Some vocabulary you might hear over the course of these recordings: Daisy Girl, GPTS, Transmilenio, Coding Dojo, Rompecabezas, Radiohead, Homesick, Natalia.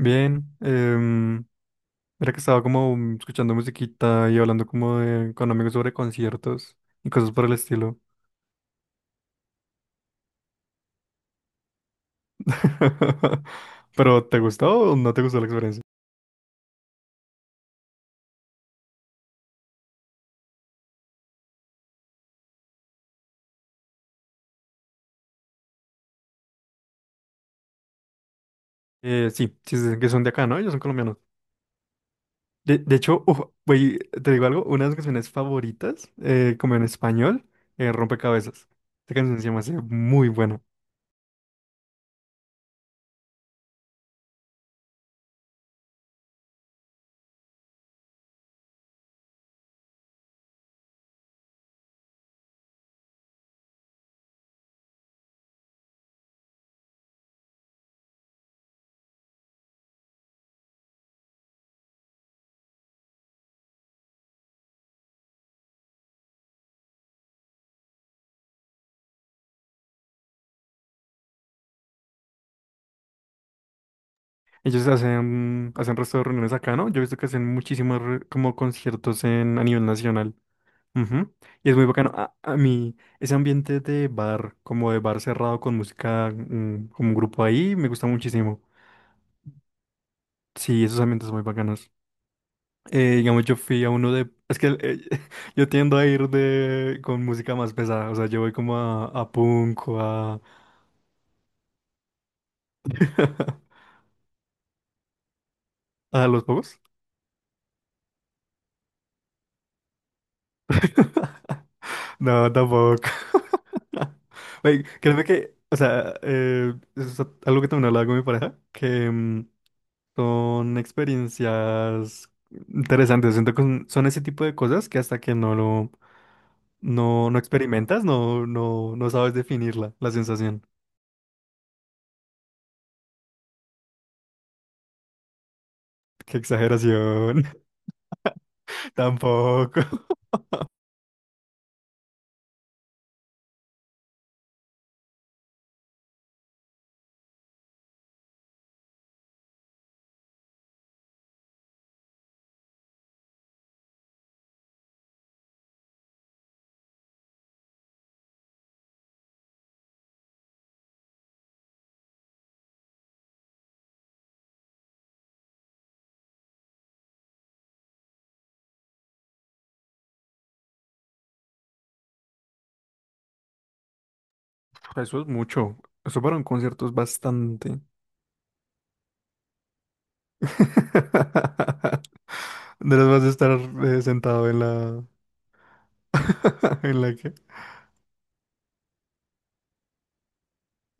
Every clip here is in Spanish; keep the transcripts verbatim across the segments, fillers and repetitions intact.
Bien, em, era que estaba como mm, escuchando musiquita y hablando como de, con amigos sobre conciertos y cosas por el estilo. Pero, ¿te gustó o no te gustó la experiencia? Eh, sí, sí, sí, sí, que son de acá, ¿no? Ellos son colombianos. De, de hecho, uf, güey, te digo algo, una de mis canciones favoritas, eh, como en español, eh, Rompecabezas. Esta canción se me hace muy buena. Ellos hacen, hacen resto de reuniones acá, ¿no? Yo he visto que hacen muchísimos re- como conciertos en, a nivel nacional. Ujú. Y es muy bacano. A, a mí, ese ambiente de bar, como de bar cerrado con música, mm, como un grupo ahí, me gusta muchísimo. Sí, esos ambientes son muy bacanos. Eh, digamos, yo fui a uno de... Es que eh, yo tiendo a ir de, con música más pesada. O sea, yo voy como a, a punk o a... ¿A los pocos? No, tampoco. Oye, créeme que... O sea, eh, eso es algo que también hablaba con mi pareja, que... mm, son experiencias interesantes. Siento que son son ese tipo de cosas que hasta que no lo no, no experimentas, no, no, no sabes definirla, la sensación. Qué exageración. Tampoco. Eso es mucho. Eso para un concierto es bastante. No les vas a estar eh, sentado en la en la que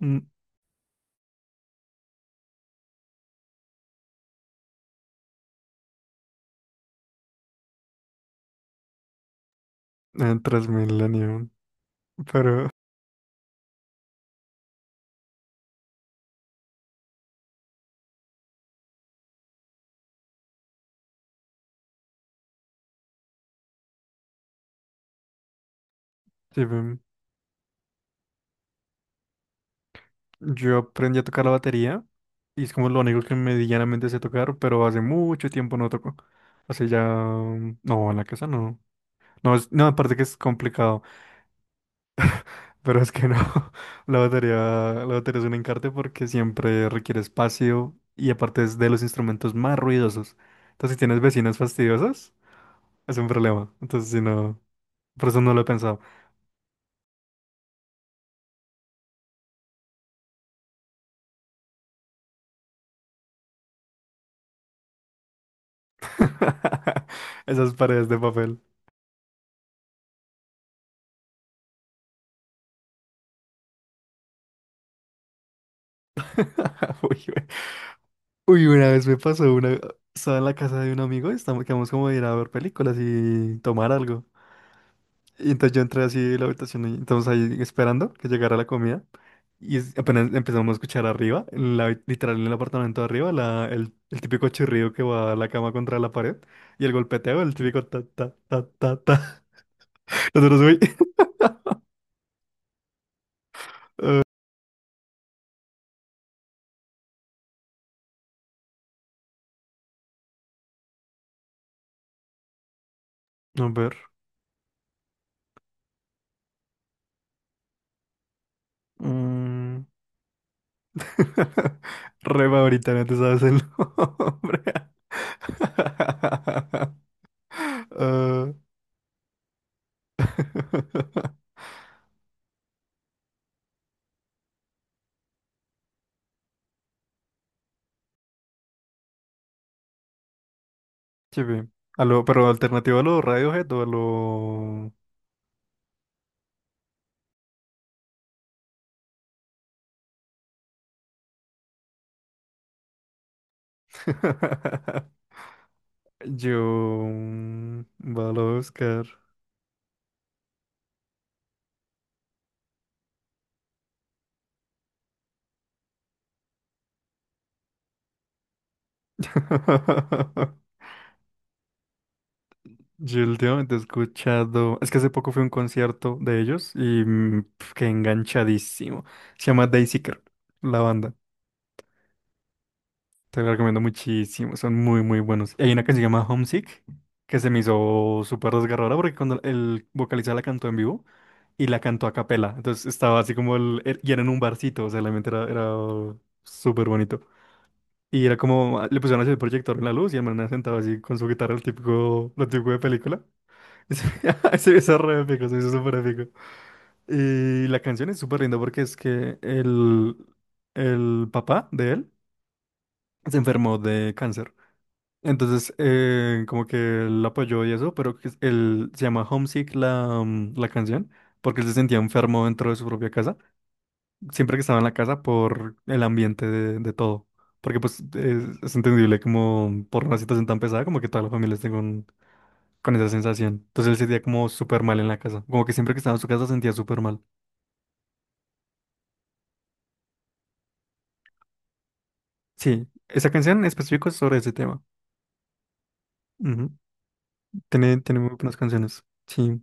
mm, en Transmilenio. Pero sí, ve. Yo aprendí a tocar la batería y es como lo único que medianamente sé tocar, pero hace mucho tiempo no toco. Hace ya... mm, no, en la casa no. No, es- no, aparte que es complicado, pero es que no. La batería, la batería es un encarte porque siempre requiere espacio y aparte es de los instrumentos más ruidosos. Entonces, si tienes vecinas fastidiosas, es un problema. Entonces, si no... Por eso no lo he pensado. Esas paredes de papel. Uy, Uy, una vez me pasó una. Estaba en la casa de un amigo, estamos, quedamos como de ir a ver películas y tomar algo. Y entonces yo entré así a la habitación, y estamos ahí esperando que llegara la comida. Y es- apenas empezamos a escuchar arriba, en la habi- literal en el apartamento de arriba, la, el, el típico chirrido que va a la cama contra la pared. Y el golpeteo, el típico ta ta ta ta ta. Nosotros, uy. A ver. mm. Re favorita, no te sabes el nombre. Ah, sí, ve. A lo, pero alternativo a los Radiohead o a lo... Yo... mm, vale, a buscar. Yo últimamente he escuchado... Es que hace poco fui a un concierto de ellos y mm, pf, quedé enganchadísimo. Se llama Daisy Girl, la banda. Te lo recomiendo muchísimo, son muy, muy buenos. Y hay una canción que se llama Homesick, que se me hizo súper desgarradora porque cuando el vocalista la cantó en vivo y la cantó a capela, entonces estaba así como el, er- y era en un barcito, o sea, realmente era, era súper bonito. Y era como, le pusieron así el proyector en la luz y el man sentado así con su guitarra, el típico, lo típico de película. Y Se se hizo re épico, se hizo súper épico. Y la canción es súper linda porque es que el, el papá de él se enfermó de cáncer. Entonces, eh, como que él apoyó y eso, pero que él se llama Homesick la, mm, la canción, porque él se sentía enfermo dentro de su propia casa, siempre que estaba en la casa por el ambiente de, de todo. Porque pues es, es entendible como por una situación tan pesada, como que todas las familias estén con, con esa sensación. Entonces él se sentía como súper mal en la casa, como que siempre que estaba en su casa se sentía súper mal. Sí, esa canción en específico es sobre ese tema. Ujú. Tiene, tiene muy buenas canciones. Sí.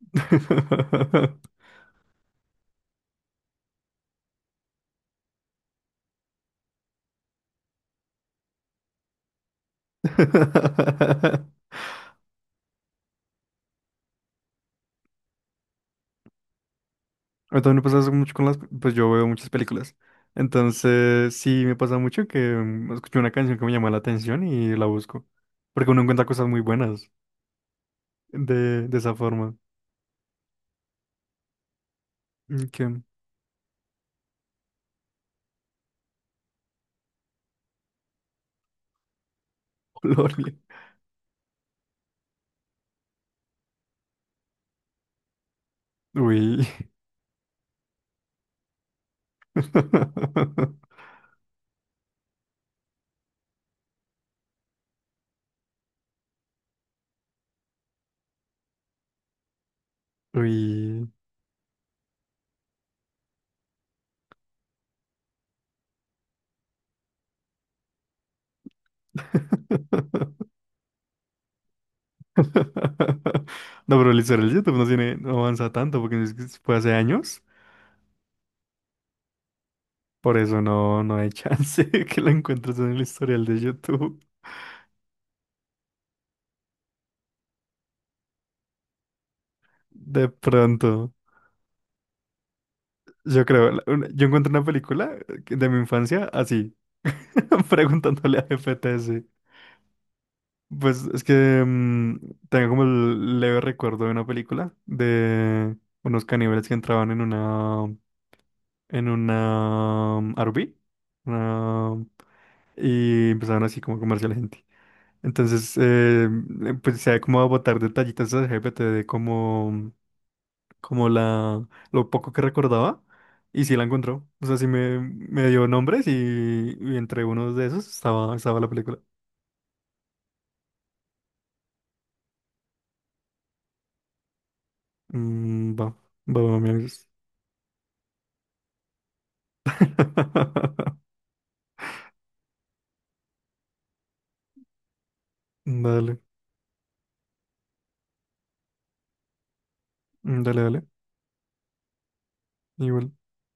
A también me pasa eso mucho con las, pues yo veo muchas películas. Entonces, sí me pasa mucho que mm, escucho una canción que me llama la atención y la busco. Porque uno encuentra cosas muy buenas de, de esa forma. Mm, Qué gloria. Uy. Uy. No, pero el el YouTube no tiene, no avanza tanto porque si es que si fue hace años. Por eso no, no hay chance que la encuentres en el historial de YouTube. De pronto. Yo creo, la- una- yo encuentro una película que- de mi infancia así, preguntándole a G P T S. Pues es que mm, tengo como el leve recuerdo de una película de unos caníbales que entraban en una, en una mm, R V, una- y empezaban así como a comerse a la gente. Entonces, eh, pues se da como a botar detallitos a G P T de cómo como la, lo poco que recordaba, y sí la encontró. O sea, sí me, me dio nombres y, y entre unos de esos estaba, estaba la película. Mm, va, va, va, me avisas. Dale, dale, dale. Igual.